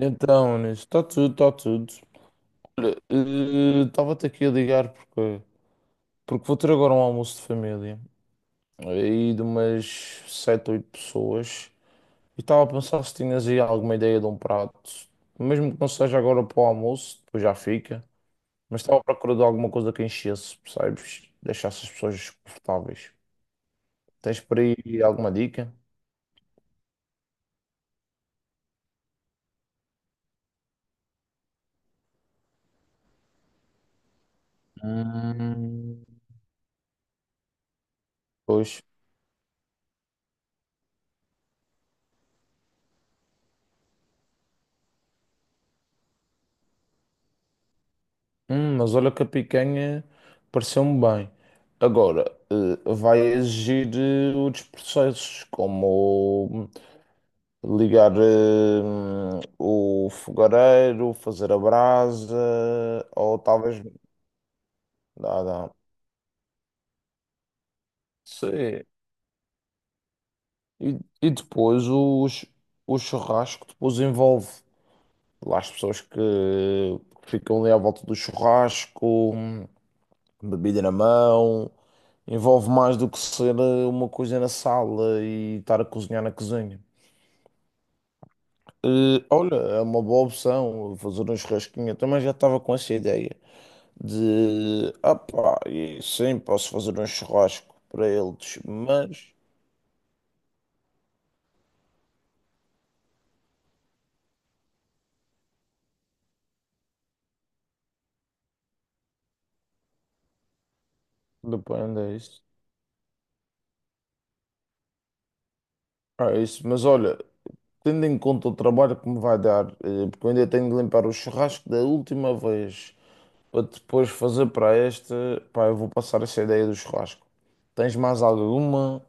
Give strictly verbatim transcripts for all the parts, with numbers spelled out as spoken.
Então, nisso, está tudo, está tudo. Olha, eh, estava-te aqui a ligar porque, porque vou ter agora um almoço de família aí de umas sete oito pessoas e estava a pensar se tinhas aí alguma ideia de um prato, mesmo que não seja agora para o almoço, depois já fica, mas estava à procura de alguma coisa que enchesse, percebes? Deixasse as pessoas confortáveis. Tens por aí alguma dica? Hum. Pois. Hum, mas olha que a picanha pareceu-me bem. Agora, eh, vai exigir eh, outros processos, como ligar eh, o fogareiro, fazer a brasa, ou talvez. Dá, dá. Sim. E, e depois os, o churrasco depois envolve lá as pessoas que ficam ali à volta do churrasco. Bebida na mão, envolve mais do que ser eh, uma coisa na sala e estar a cozinhar na cozinha. Eh, olha, é uma boa opção fazer um churrasquinho. Eu também já estava com essa ideia de, ah pá, e sim, posso fazer um churrasco para eles, mas depende, é isso. Ah, é isso, mas olha, tendo em conta o trabalho que me vai dar, eh, porque eu ainda tenho de limpar o churrasco da última vez para depois fazer para este, pá, eu vou passar essa ideia do churrasco. Tens mais alguma?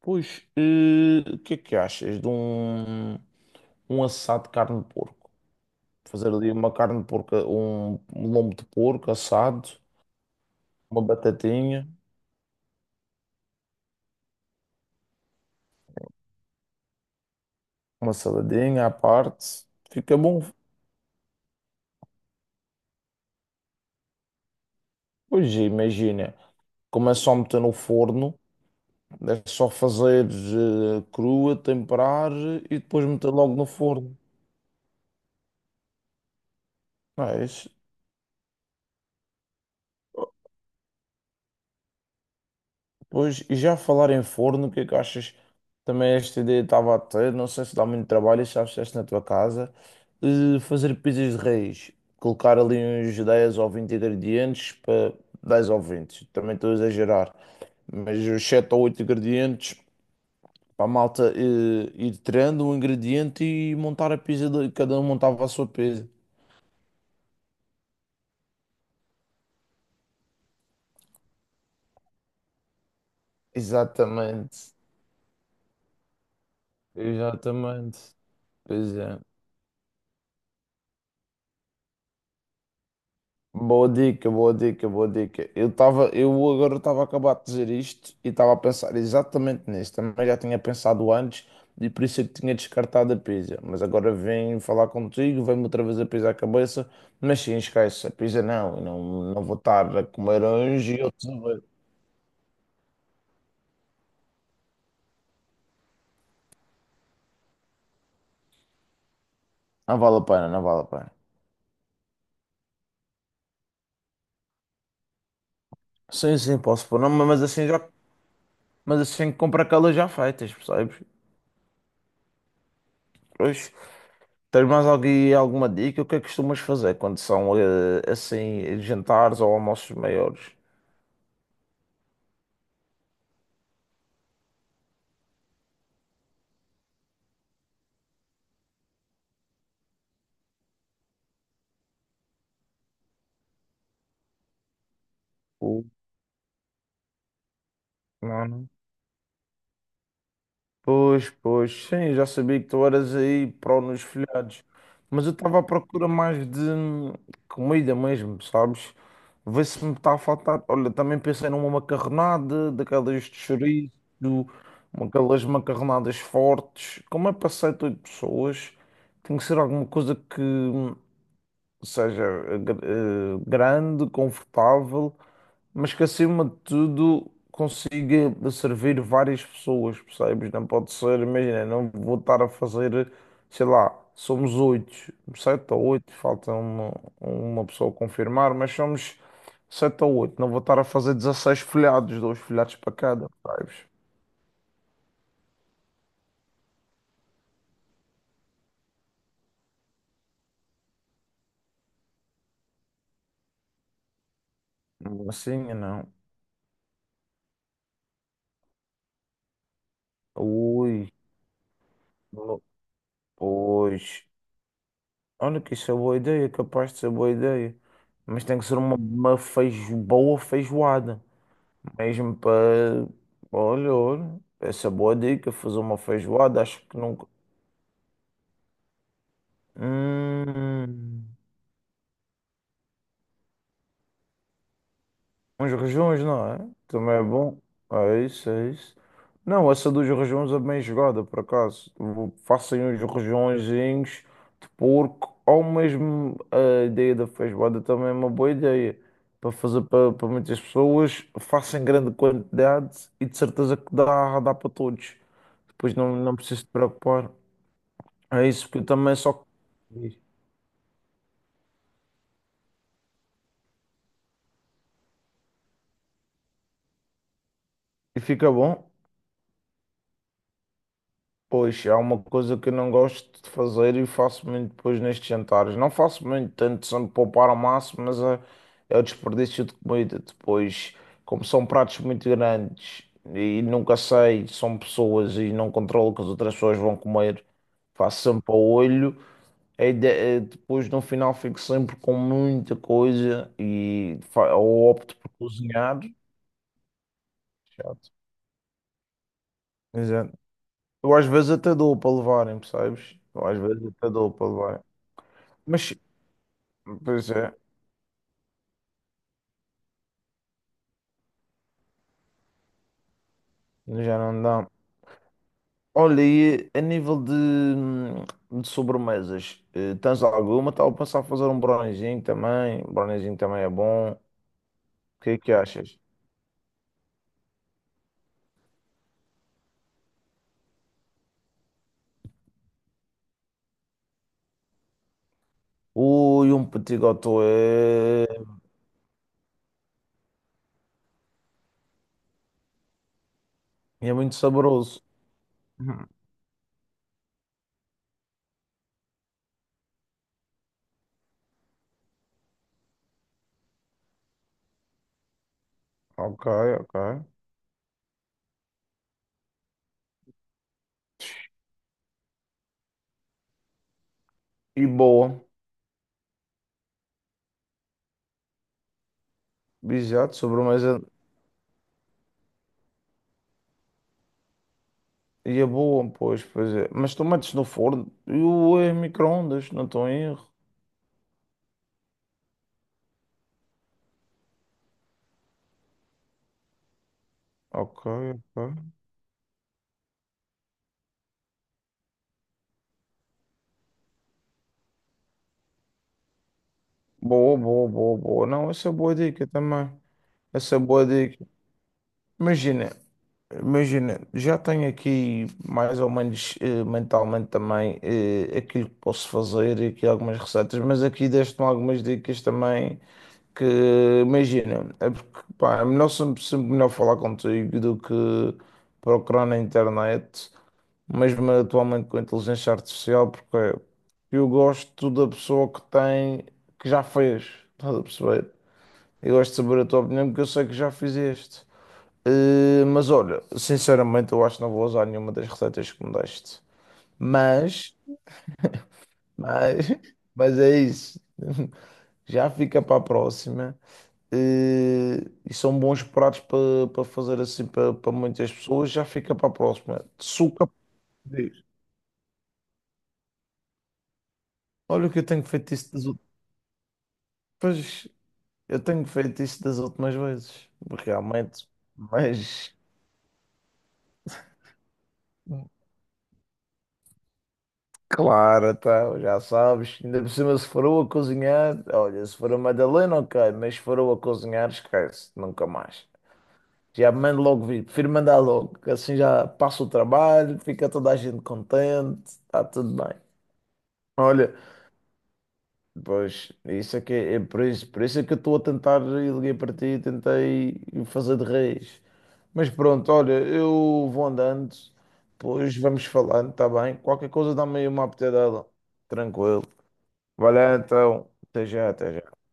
Pois, eh, o que é que achas de um, um assado de carne de porco? Fazer ali uma carne de porco, um, um lombo de porco assado, uma batatinha, uma saladinha à parte. Fica bom. Pois, imagina, como é só meter no forno, é só fazer eh, crua, temperar e depois meter logo no forno. Não é isso? Pois, e já falar em forno, o que é que achas? Também esta ideia estava a ter, não sei se dá muito trabalho, já fizeste na tua casa, eh, fazer pizzas de raiz, colocar ali uns dez ou vinte ingredientes para dez ou vinte também estou a exagerar, mas os sete ou oito ingredientes para a malta eh, ir tirando um ingrediente e montar a pizza, de- cada um montava a sua pizza. Exatamente, exatamente, pois é. Boa dica, boa dica, boa dica. Eu estava, eu agora estava a acabar de dizer isto e estava a pensar exatamente nisso. Também já tinha pensado antes e por isso é que tinha descartado a pizza. Mas agora vim falar contigo, vem-me outra vez a pizza à cabeça. Mas sim, esquece, a pizza não, eu não, não vou estar a comer uns e outros. A ver. Não vale a pena, não vale a pena. Sim, sim, posso pôr, não, mas assim já, mas assim compro aquelas já feitas, percebes? Pois. Tens mais alguém, alguma dica? O que é que costumas fazer quando são eh, assim jantares ou almoços maiores? Ou- Não, não. Pois, pois, sim, já sabia que tu eras aí pró nos folhados, mas eu estava à procura mais de hum, comida mesmo, sabes? Vê se me está a faltar. Olha, também pensei numa macarronada, daquelas de chouriço, uma- aquelas macarronadas fortes. Como é para sete, oito pessoas, tem que ser alguma coisa que hum, ou seja, gr- eh, grande, confortável, mas que acima de tudo consiga servir várias pessoas, percebes? Não pode ser, imagina, não vou estar a fazer, sei lá, somos oito, sete ou oito, falta uma, uma pessoa confirmar, mas somos sete ou oito, não vou estar a fazer dezasseis folhados, dois folhados para cada, percebes? Assim, não. Ui, pois. Olha que isso é boa ideia, é capaz de ser boa ideia. Mas tem que ser uma, uma feijo, boa feijoada. Mesmo para. Olha, olha, essa é boa dica, fazer uma feijoada, acho que nunca. Hum. Uns rejuns, não é? Também é bom. É isso, é isso. Não, essa dos rejuns é bem jogada, por acaso. Vou- Façam uns rejunzinhos de porco, ou mesmo a ideia da feijoada também é uma boa ideia. Para fazer para, para muitas pessoas, façam grande quantidade e de certeza que dá, dá para todos. Depois não, não preciso te preocupar. É isso, porque também só. E fica bom. Pois, há uma coisa que eu não gosto de fazer e faço muito depois nestes jantares. Não faço muito, tento sempre poupar ao máximo, mas é, é o desperdício de comida. Depois, como são pratos muito grandes e nunca sei, são pessoas e não controlo o que as outras pessoas vão comer, faço sempre ao olho. A ide- eh, depois, no final, fico sempre com muita coisa e fa- ou opto por cozinhar. Chato. Exato. Eu às vezes até dou para levarem, percebes? Eu às vezes até dou para levar. Mas, pois é, já não dá. Olha, e a nível de, de sobremesas, eh, tens alguma? Estava a pensar em fazer um brownizinho também. Um brownizinho também é bom. O que é que achas? Ui, um petit gâteau é, é muito saboroso. Uhum. Ok, ok. E boa. Exato, sobremesa. E é boa, pois, pois é. Mas tu metes no forno e o eh, micro-ondas, não estou em erro. Ok, ok. Boa, boa, boa, boa. Não, essa é boa dica também. Essa boa dica. Imagina, imagina, já tenho aqui mais ou menos eh, mentalmente também eh, aquilo que posso fazer e aqui algumas receitas, mas aqui deste-me algumas dicas também que imagina, é porque pá, é melhor sempre, sempre melhor falar contigo do que procurar na internet, mesmo atualmente com a inteligência artificial, porque eu gosto da pessoa que tem, que já fez, estás a perceber? Eu gosto de saber a tua opinião porque eu sei que já fizeste. Eh, mas olha, sinceramente, eu acho que não vou usar nenhuma das receitas que me deste. Mas, mas, mas é isso. Já fica para a próxima. Eh, e são bons pratos para para fazer assim para para muitas pessoas. Já fica para a próxima. Suca. Olha o que eu tenho feito isso das últimas. Pois, eu tenho feito isso das últimas vezes, realmente. Mas. Claro, então, já sabes. Ainda por cima, se for a cozinhar, olha, se for a Madalena, ok, mas se for a cozinhar, esquece, nunca mais. Já mando logo vir, prefiro mandar logo, que assim já passa o trabalho, fica toda a gente contente, está tudo bem. Olha, pois, isso é que é, é por isso, por isso é que eu estou a tentar, e liguei para ti, tentei fazer de reis. Mas pronto, olha, eu vou andando, depois vamos falando, está bem? Qualquer coisa dá-me aí uma apetidela, tranquilo. Valeu, então. Até já, até já.